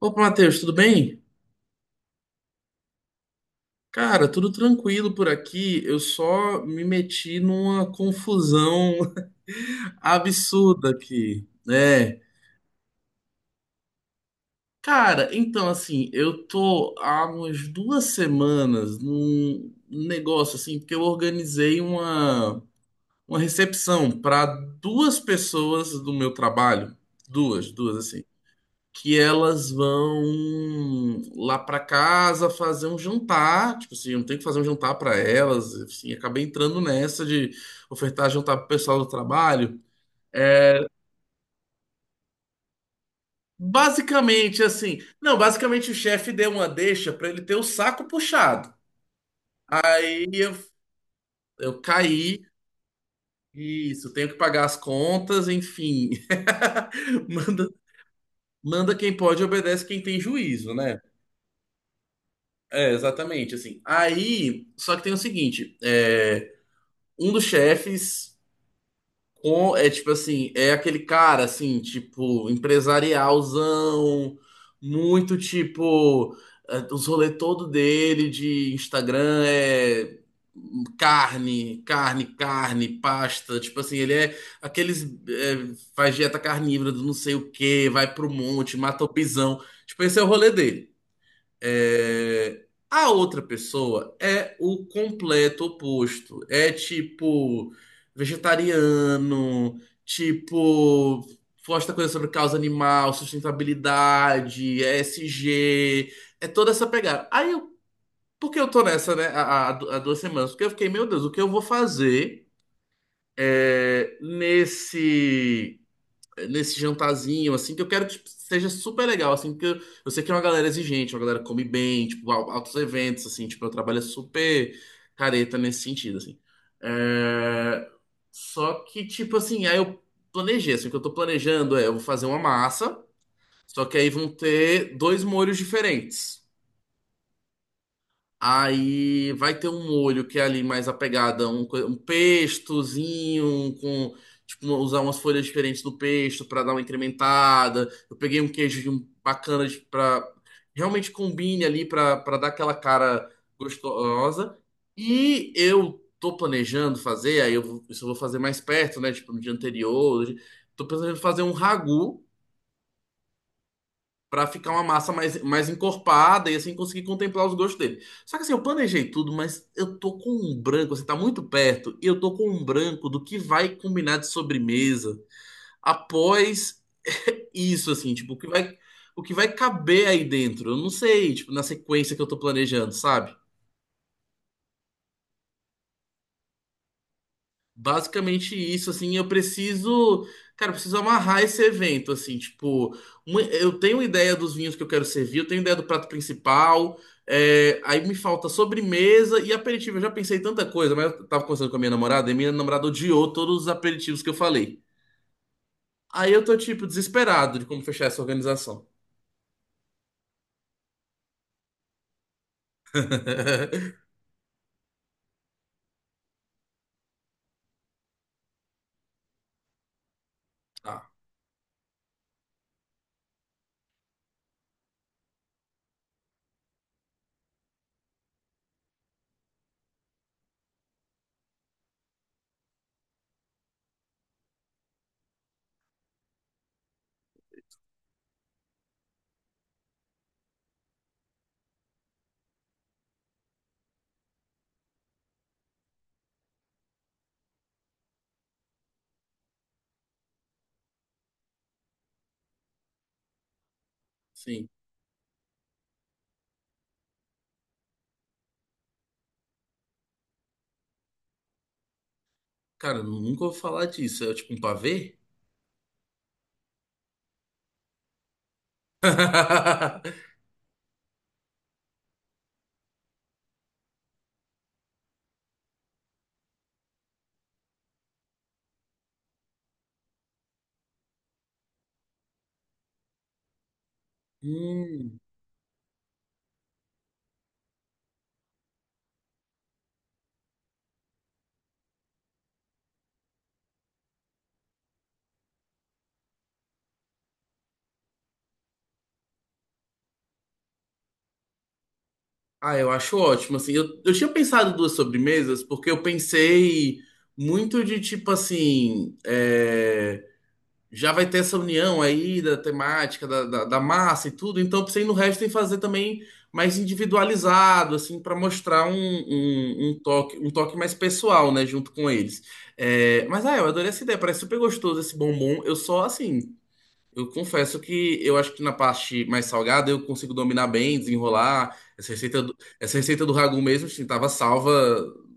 Opa, Matheus, tudo bem? Cara, tudo tranquilo por aqui. Eu só me meti numa confusão absurda aqui, né? Cara, então assim, eu tô há umas duas semanas num negócio assim, porque eu organizei uma recepção para duas pessoas do meu trabalho, duas, duas assim. Que elas vão lá pra casa fazer um jantar, tipo assim, eu não tenho que fazer um jantar pra elas, assim, acabei entrando nessa de ofertar jantar pro pessoal do trabalho. É, basicamente assim, não, basicamente o chefe deu uma deixa pra ele ter o saco puxado. E eu caí, isso, tenho que pagar as contas, enfim. Manda, manda quem pode, obedece quem tem juízo, né? É, exatamente, assim. Aí, só que tem o seguinte, um dos chefes é tipo assim, é aquele cara assim, tipo, empresarialzão, muito tipo, os rolê todo dele de Instagram é carne, carne, carne, pasta, tipo assim, ele é aqueles faz dieta carnívora do não sei o que vai pro monte, mata o pisão. Tipo, esse é o rolê dele. É, a outra pessoa é o completo oposto. É tipo vegetariano, tipo posta coisa sobre causa animal, sustentabilidade, ESG é toda essa pegada. Aí eu, porque eu tô nessa, né, há duas semanas, porque eu fiquei, meu Deus, o que eu vou fazer nesse nesse jantarzinho, assim, que eu quero que tipo, seja super legal, assim, porque eu sei que é uma galera exigente, uma galera que come bem, tipo, altos eventos, assim, tipo, eu trabalho super careta nesse sentido, assim. É, Só que, tipo assim, aí eu planejei, assim, o que eu tô planejando é, eu vou fazer uma massa, só que aí vão ter dois molhos diferentes. Aí vai ter um molho que é ali mais apegada, um pestozinho, um com tipo usar umas folhas diferentes do pesto para dar uma incrementada. Eu peguei um queijo de bacana para realmente combine ali para dar aquela cara gostosa. E eu tô planejando fazer, aí isso eu vou fazer mais perto, né? Tipo no dia anterior. Tô planejando fazer um ragu pra ficar uma massa mais, mais encorpada e assim conseguir contemplar os gostos dele. Só que assim, eu planejei tudo, mas eu tô com um branco, assim, tá muito perto, e eu tô com um branco do que vai combinar de sobremesa após isso, assim, tipo, o que vai caber aí dentro. Eu não sei, tipo, na sequência que eu tô planejando, sabe? Basicamente isso, assim, eu preciso, cara, eu preciso amarrar esse evento, assim, tipo, eu tenho ideia dos vinhos que eu quero servir, eu tenho ideia do prato principal, é, aí me falta sobremesa e aperitivo, eu já pensei em tanta coisa, mas eu tava conversando com a minha namorada e minha namorada odiou todos os aperitivos que eu falei. Aí eu tô, tipo, desesperado de como fechar essa organização. Tá, sim. Cara, eu nunca vou falar disso, é tipo um pavê? Hum. Ah, eu acho ótimo, assim, eu tinha pensado duas sobremesas, porque eu pensei muito de, tipo, assim, é, já vai ter essa união aí da temática, da massa e tudo, então eu pensei no resto em fazer também mais individualizado, assim, para mostrar um toque mais pessoal, né, junto com eles. É, mas, ah, eu adorei essa ideia, parece super gostoso esse bombom, eu só, assim, eu confesso que eu acho que na parte mais salgada eu consigo dominar bem, desenrolar. Essa receita do ragu mesmo, assim, tava salva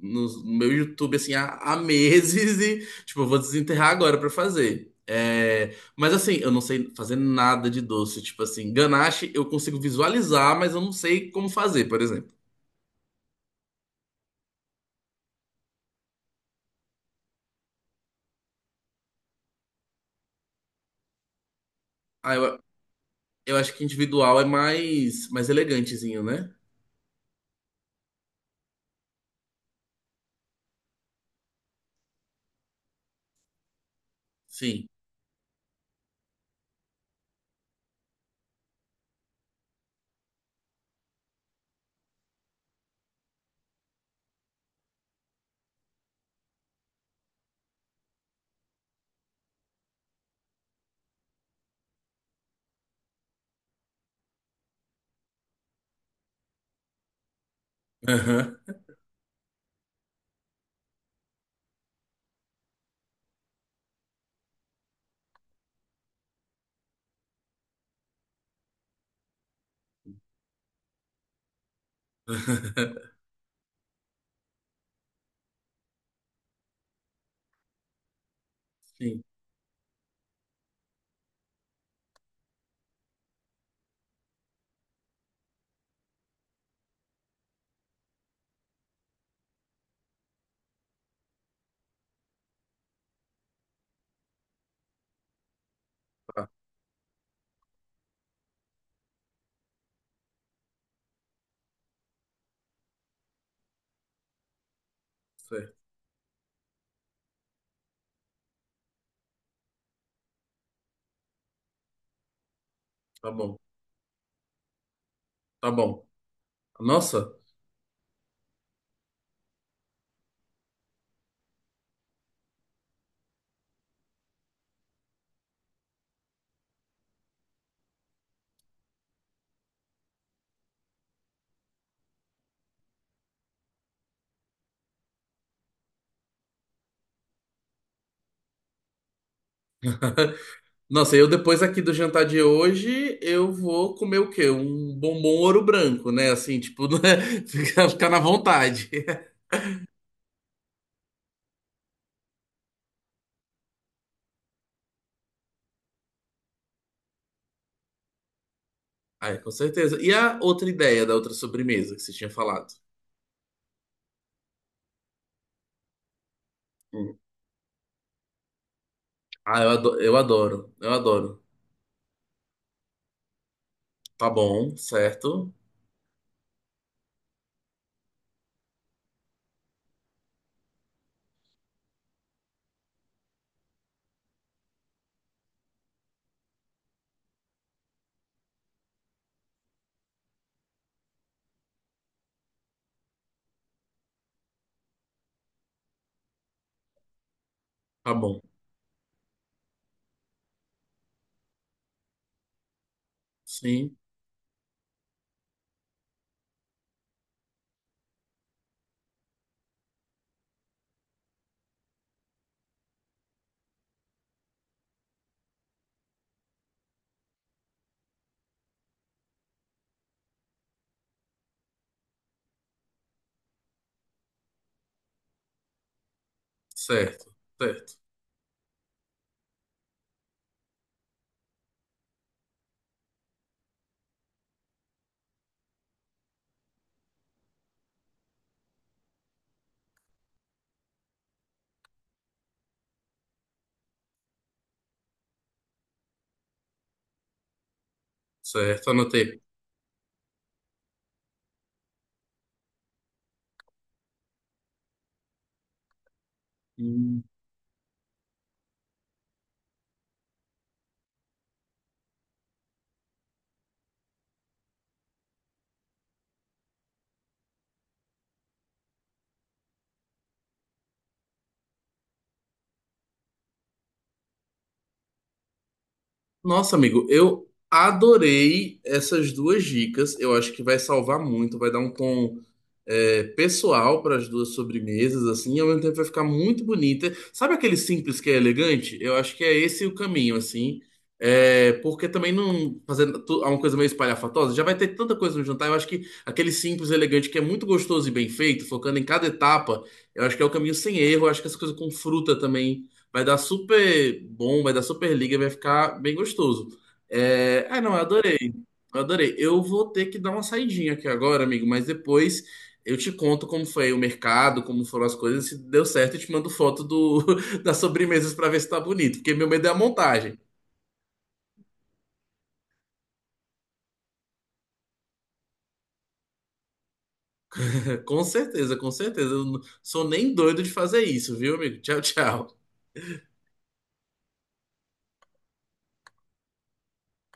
no meu YouTube, assim, há meses e, tipo, eu vou desenterrar agora pra fazer. É, mas assim, eu não sei fazer nada de doce. Tipo assim, ganache eu consigo visualizar, mas eu não sei como fazer, por exemplo. Ah, eu acho que individual é mais, mais elegantezinho, né? Sim. Aham. Sim, tá, certo. Tá bom. Tá bom. Nossa, nossa, eu depois aqui do jantar de hoje, eu vou comer o quê? Um bombom ouro branco, né? Assim, tipo, né? Ficar, ficar na vontade. Ai, com certeza. E a outra ideia da outra sobremesa que você tinha falado? Hum. Ah, eu adoro, eu adoro. Tá bom, certo? Tá bom. Sim, certo, certo, certo. Anotei. Nossa, amigo, eu adorei essas duas dicas. Eu acho que vai salvar muito, vai dar um tom pessoal para as duas sobremesas, assim, e ao mesmo tempo vai ficar muito bonita. Sabe aquele simples que é elegante? Eu acho que é esse o caminho, assim. É, porque também não fazendo é uma coisa meio espalhafatosa, já vai ter tanta coisa no jantar. Eu acho que aquele simples, elegante, que é muito gostoso e bem feito, focando em cada etapa, eu acho que é o caminho sem erro. Eu acho que essa coisa com fruta também. Vai dar super bom, vai dar super liga, vai ficar bem gostoso. É... Ah, não, eu adorei. Eu adorei. Eu vou ter que dar uma saidinha aqui agora, amigo, mas depois eu te conto como foi o mercado, como foram as coisas, se deu certo, eu te mando foto do... das sobremesas para ver se tá bonito, porque meu medo é a montagem. Com certeza, com certeza. Eu não sou nem doido de fazer isso, viu, amigo? Tchau, tchau.